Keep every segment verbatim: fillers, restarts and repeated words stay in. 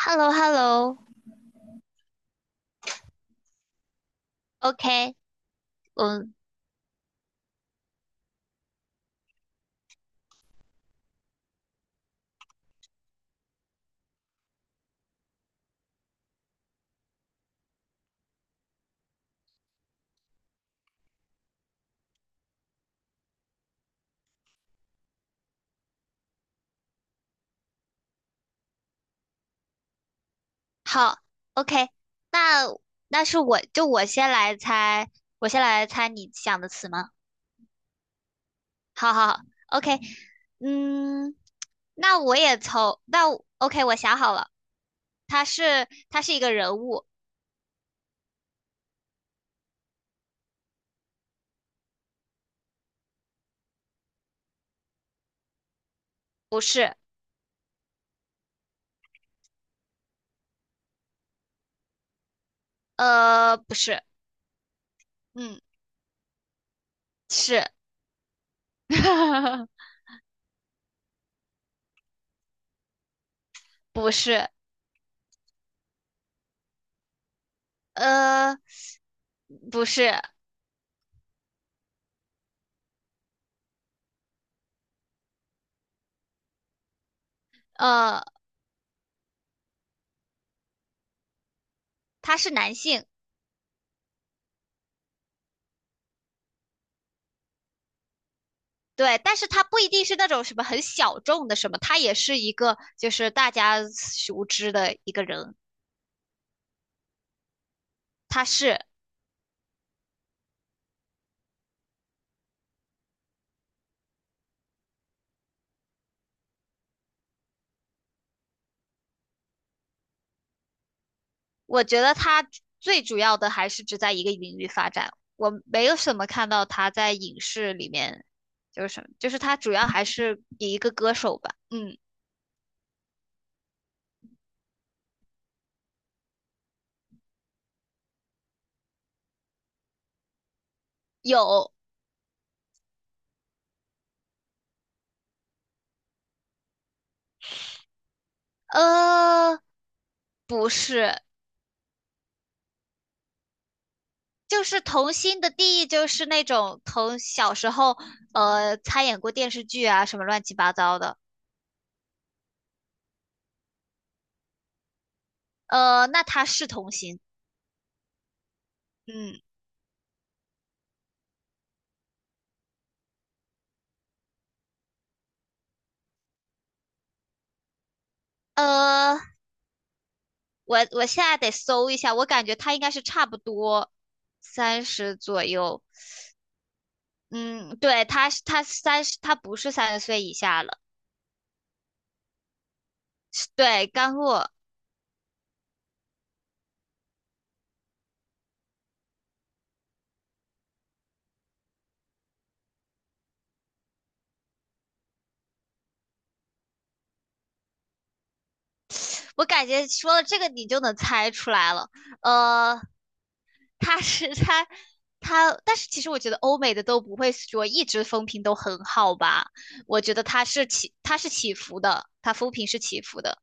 h e l l o h e l l o o k 嗯，好，O K，那那是我就我先来猜，我先来猜你想的词吗？好好好，OK，嗯，那我也从那我 OK，我想好了，他是他是一个人物。不是。呃，不是。嗯，是。不是。呃，不是。呃，他是男性。对，但是他不一定是那种什么很小众的什么，他也是一个就是大家熟知的一个人。他是。我觉得他最主要的还是只在一个领域发展，我没有什么看到他在影视里面，就是什么，就是他主要还是以一个歌手吧。嗯，有。呃，不是。就是童星的定义就是那种从小时候呃参演过电视剧啊什么乱七八糟的。呃，那他是童星。嗯。呃，我我现在得搜一下，我感觉他应该是差不多三十左右。嗯，对，他是它三十，他不是三十岁以下了。是，对，干货。我感觉说了这个你就能猜出来了。呃，他是他他，但是其实我觉得欧美的都不会说一直风评都很好吧？我觉得他是起他是起伏的，他风评是起伏的。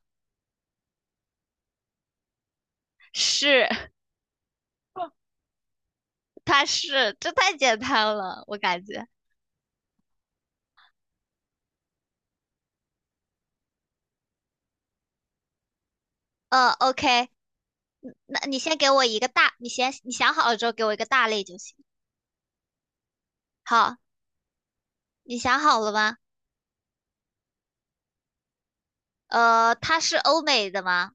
是。 他是这太简单了，我感觉。呃，OK。嗯，那你先给我一个大，你先你想好了之后给我一个大类就行。好，你想好了吗？呃，他是欧美的吗？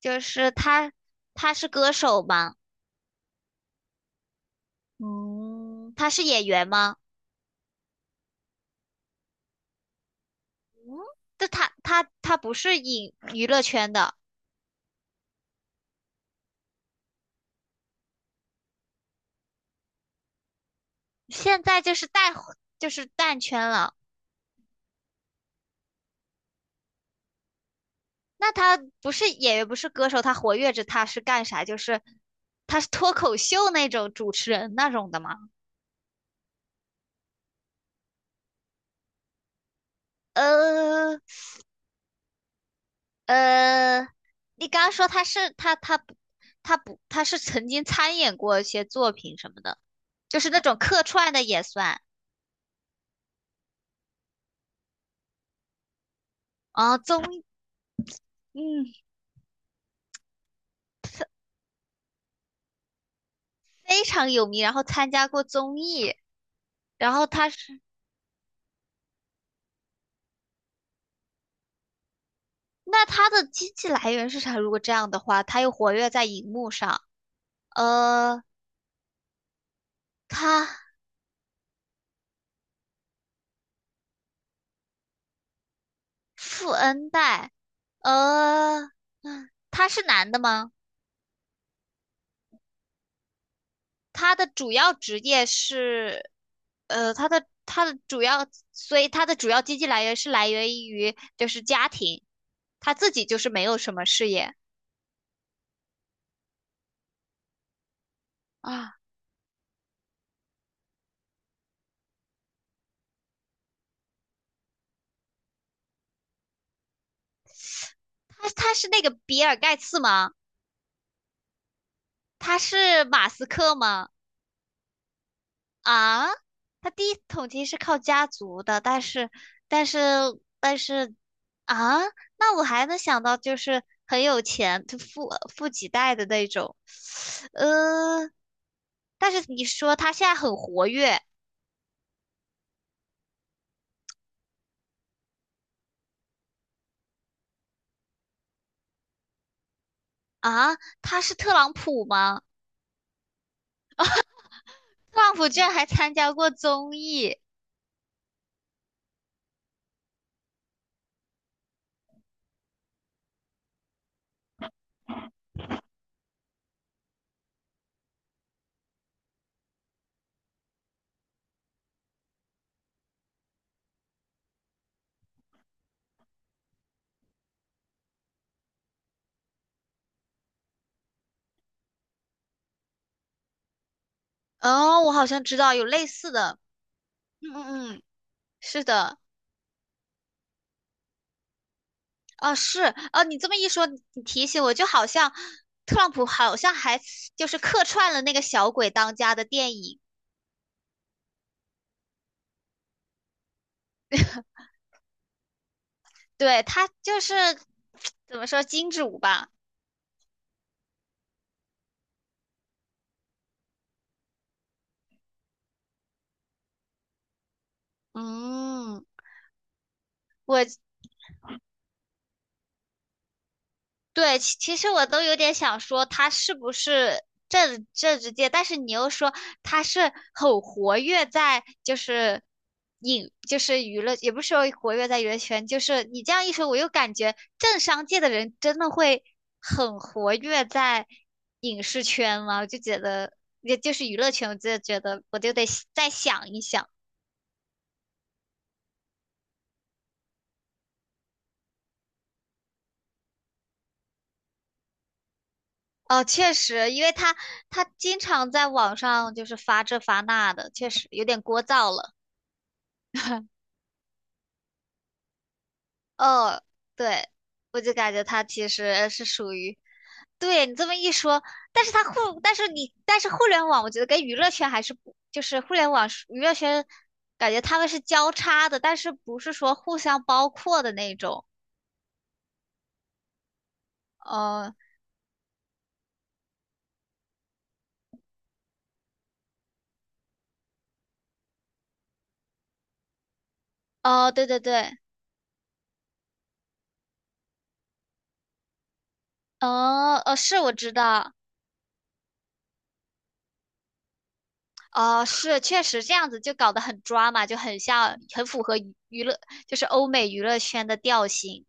就是他他是歌手吗？嗯，他是演员吗？嗯，但他他他不是影娱乐圈的。现在就是淡，就是淡圈了。那他不是演员，不是歌手，他活跃着，他是干啥？就是他是脱口秀那种主持人那种的吗？呃，呃，你刚刚说他是他他不他不他是曾经参演过一些作品什么的，就是那种客串的也算。啊，综艺。嗯。非常有名，然后参加过综艺。然后他是。那他的经济来源是啥？如果这样的话，他又活跃在荧幕上。呃，他富恩代。呃，嗯，他是男的吗？他的主要职业是。呃，他的他的主要，所以他的主要经济来源是来源于就是家庭，他自己就是没有什么事业啊。他他是那个比尔盖茨吗？他是马斯克吗？啊，他第一桶金是靠家族的，但是但是但是啊，那我还能想到就是很有钱，就富富几代的那种，呃。但是你说他现在很活跃啊。他是特朗普吗？特朗普居然还参加过综艺。哦，我好像知道有类似的。嗯嗯嗯，是的。啊，是啊。你这么一说，你提醒我，就好像特朗普好像还就是客串了那个《小鬼当家》的电影。对，他就是 怎么说，金主吧。嗯。我，对，其其实我都有点想说他是不是政政治界，但是你又说他是很活跃在就是影，就是娱乐，也不是说活跃在娱乐圈。就是你这样一说，我又感觉政商界的人真的会很活跃在影视圈吗？我就觉得也就是娱乐圈，我就觉得我就得再想一想。哦，确实，因为他他经常在网上就是发这发那的，确实有点聒噪了。哦，对。我就感觉他其实是属于，对，你这么一说，但是他互，但是你，但是互联网，我觉得跟娱乐圈还是不，就是互联网娱乐圈，感觉他们是交叉的，但是不是说互相包括的那种。哦。哦，对对对。哦。哦，是，我知道。哦，是，确实这样子就搞得很抓嘛，就很像，很符合娱娱乐，就是欧美娱乐圈的调性。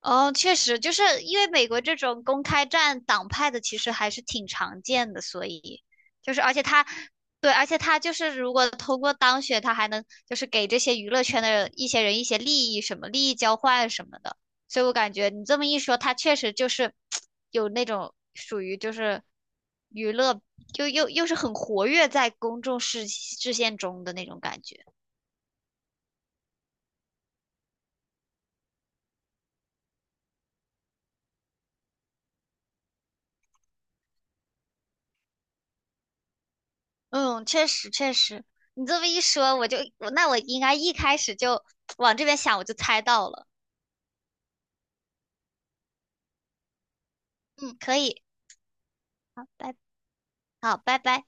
哦，确实，就是因为美国这种公开战党派的，其实还是挺常见的，所以就是而且他，对，而且他就是如果通过当选，他还能就是给这些娱乐圈的一些人一些利益，什么利益交换什么的。所以我感觉你这么一说，他确实就是有那种属于就是娱乐，又又又是很活跃在公众视视线中的那种感觉。嗯，确实确实。你这么一说，我，就我那我应该一开始就往这边想，我就猜到了。嗯，可以。拜。好，拜拜。